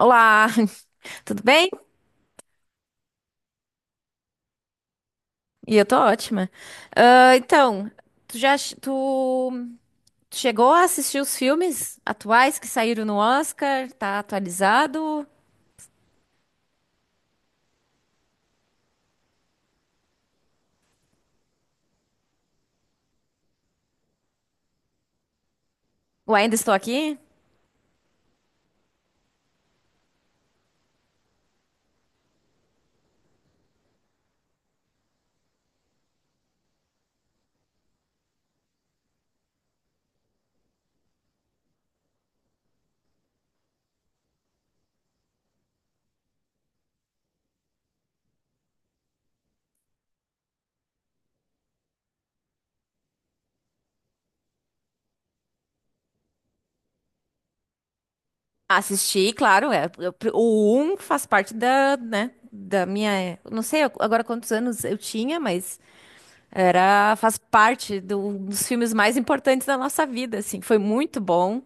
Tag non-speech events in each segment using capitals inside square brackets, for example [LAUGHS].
Olá, [LAUGHS] tudo bem? E eu tô ótima. Ah, então, tu já ch- tu, tu chegou a assistir os filmes atuais que saíram no Oscar? Tá atualizado? O ainda estou aqui? Assisti, claro, é. O um faz parte da, né, da minha, eu não sei agora quantos anos eu tinha, mas era faz parte dos filmes mais importantes da nossa vida, assim. Foi muito bom.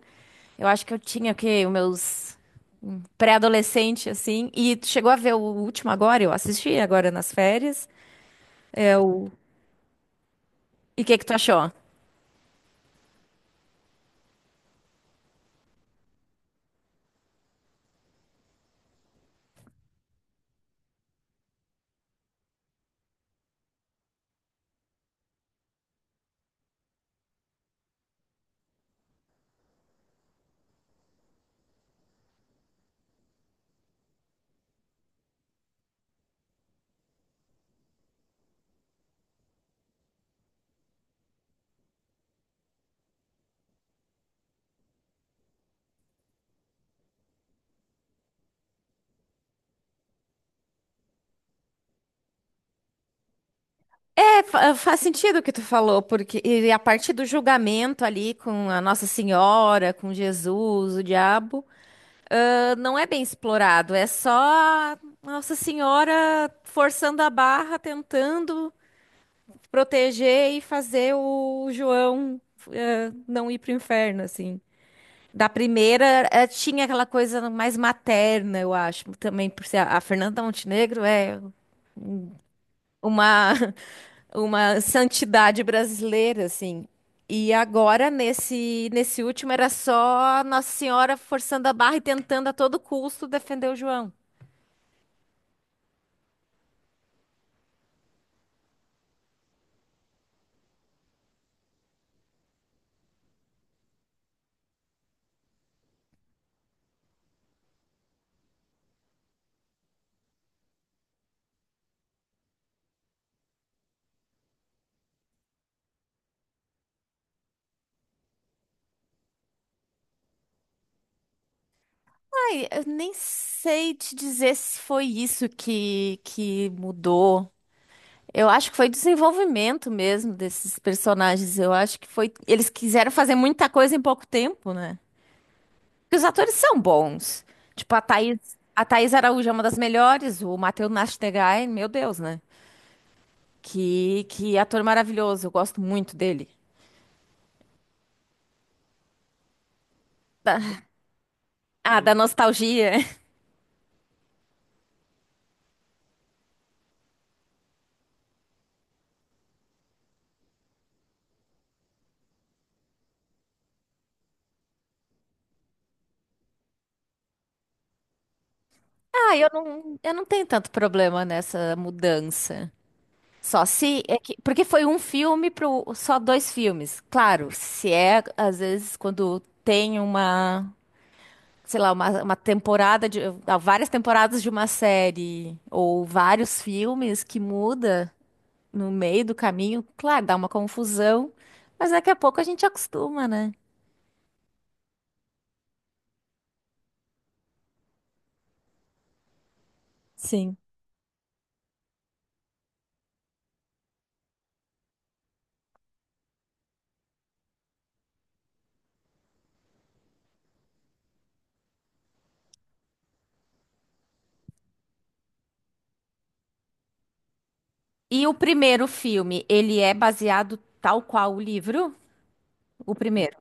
Eu acho que eu tinha o quê? Os meus pré-adolescente, assim. E tu chegou a ver o último agora? Eu assisti agora nas férias. É o... E o que que tu achou? É, faz sentido o que tu falou, porque e a parte do julgamento ali com a Nossa Senhora, com Jesus, o diabo, ah, não é bem explorado. É só a Nossa Senhora forçando a barra, tentando proteger e fazer o João, não ir pro inferno, assim. Da primeira, tinha aquela coisa mais materna, eu acho. Também por ser a Fernanda Montenegro é uma, [LAUGHS] uma santidade brasileira, assim. E agora, nesse último, era só Nossa Senhora forçando a barra e tentando a todo custo defender o João. Ai, eu nem sei te dizer se foi isso que mudou. Eu acho que foi desenvolvimento mesmo desses personagens. Eu acho que foi. Eles quiseram fazer muita coisa em pouco tempo, né? Porque os atores são bons. Tipo, a Thaís Araújo é uma das melhores, o Matheus Nachtergaele, meu Deus, né? Que ator maravilhoso, eu gosto muito dele. Da- ah, da nostalgia. [LAUGHS] Ah, eu não tenho tanto problema nessa mudança. Só se é que, porque foi um filme pro só dois filmes. Claro, se é às vezes quando tem uma, sei lá, uma temporada de ah, várias temporadas de uma série ou vários filmes que muda no meio do caminho, claro, dá uma confusão, mas daqui a pouco a gente acostuma, né? Sim. E o primeiro filme, ele é baseado tal qual o livro? O primeiro.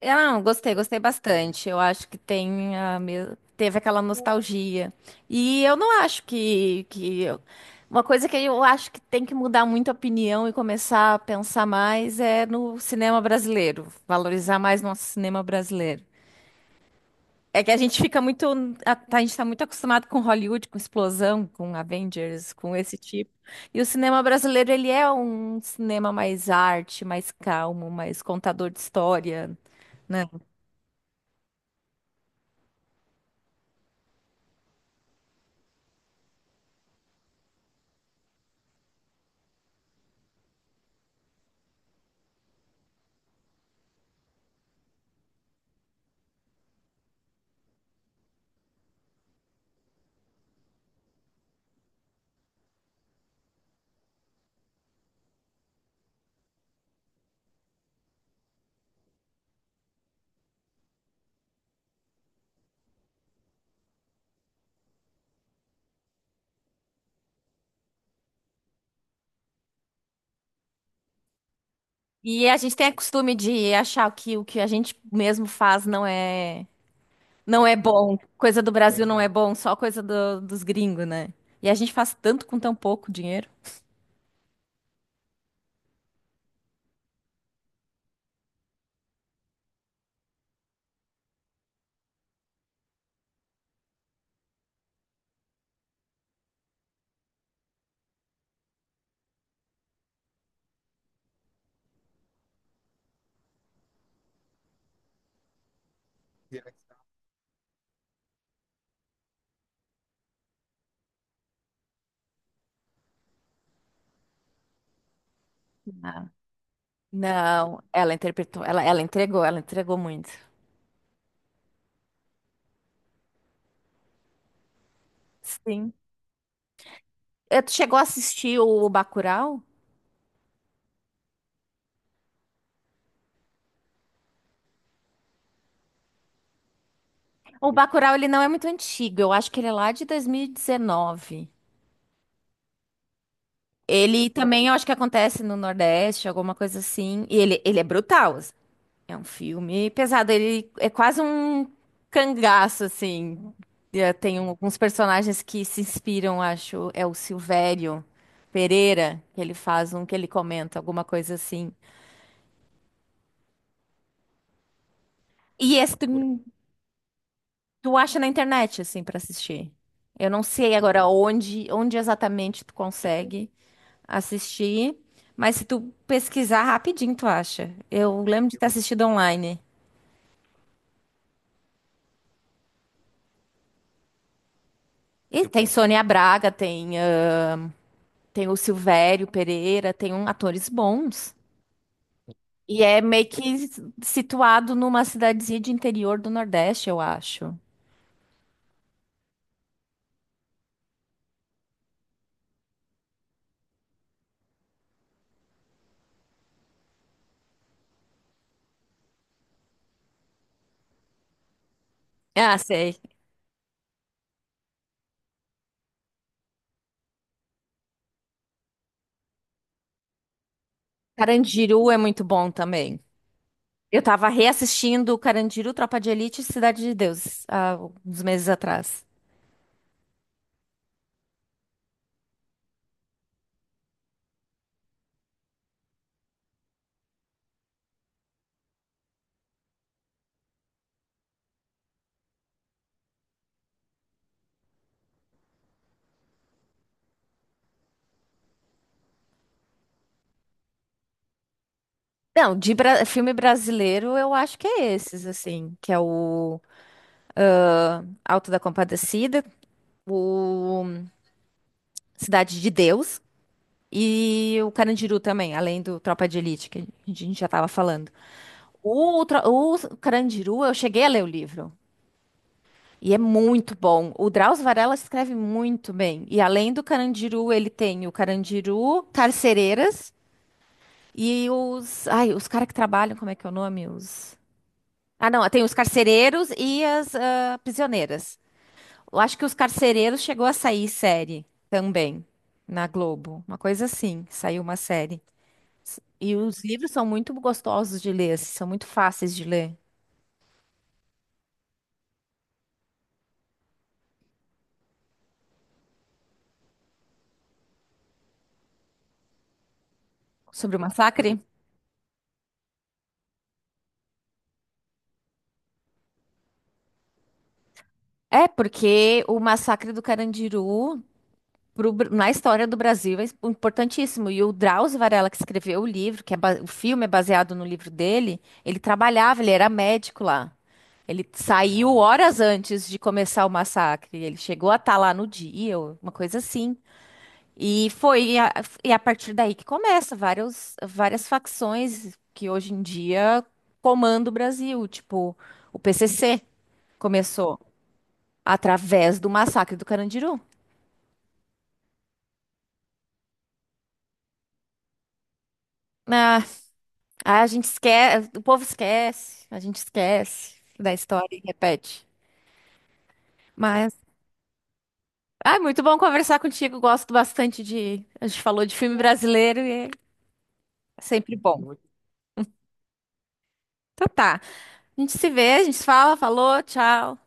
Eu não, gostei, gostei bastante. Eu acho que tem teve aquela nostalgia. E eu não acho que uma coisa que eu acho que tem que mudar muito a opinião e começar a pensar mais é no cinema brasileiro, valorizar mais nosso cinema brasileiro. É que a gente fica muito. A, tá, a gente tá muito acostumado com Hollywood, com explosão, com Avengers, com esse tipo. E o cinema brasileiro, ele é um cinema mais arte, mais calmo, mais contador de história, né? E a gente tem o costume de achar que o que a gente mesmo faz não é bom. Coisa do Brasil não é bom, só coisa dos gringos, né? E a gente faz tanto com tão pouco dinheiro. Não, ela interpretou, ela entregou muito. Sim. Eh, tu chegou a assistir o Bacurau? O Bacurau, ele não é muito antigo. Eu acho que ele é lá de 2019. Ele também, eu acho que acontece no Nordeste, alguma coisa assim. E ele é brutal assim. É um filme pesado. Ele é quase um cangaço, assim. Eh, tem alguns personagens que se inspiram, acho. É o Silvério Pereira, que ele faz um que ele comenta, alguma coisa assim. E esse tu tu acha na internet, assim, pra assistir. Eu não sei agora onde exatamente tu consegue assistir, mas se tu pesquisar rapidinho, tu acha. Eu lembro de ter assistido online. E tem Sônia Braga, tem, ah, tem o Silvério Pereira, tem um, atores bons. E é meio que situado numa cidadezinha de interior do Nordeste, eu acho. Ah, sei. Carandiru é muito bom também. Eu tava reassistindo Carandiru, Tropa de Elite e Cidade de Deus, há uns meses atrás. Não, de filme brasileiro, eu acho que é esses, assim, que é o Alto da Compadecida, o Cidade de Deus e o Carandiru também, além do Tropa de Elite, que a gente já tava falando. O Carandiru, eu cheguei a ler o livro. E é muito bom. O Drauzio Varela escreve muito bem. E além do Carandiru, ele tem o Carandiru, Carcereiras, e os. Ai, os caras que trabalham, como é que é o nome? Os. Ah, não, tem os carcereiros e as ah, prisioneiras. Eu acho que os carcereiros chegou a sair série também na Globo. Uma coisa assim, saiu uma série. E os livros são muito gostosos de ler, assim, são muito fáceis de ler. Sobre o massacre? É, porque o massacre do Carandiru pro na história do Brasil é importantíssimo. E o Drauzio Varela, que escreveu o livro, que é o filme é baseado no livro dele, ele trabalhava, ele era médico lá. Ele saiu horas antes de começar o massacre. Ele chegou a estar lá no dia, ou uma coisa assim. E foi e a partir daí que começa vários, várias facções que hoje em dia comandam o Brasil, tipo o PCC começou através do massacre do Carandiru. Ah, Ah, a gente esquece, o povo esquece, a gente esquece da história e repete. Mas, ah, muito bom conversar contigo, gosto bastante de, a gente falou de filme brasileiro e é sempre bom. Então tá, a gente se vê, a gente se fala, falou, tchau.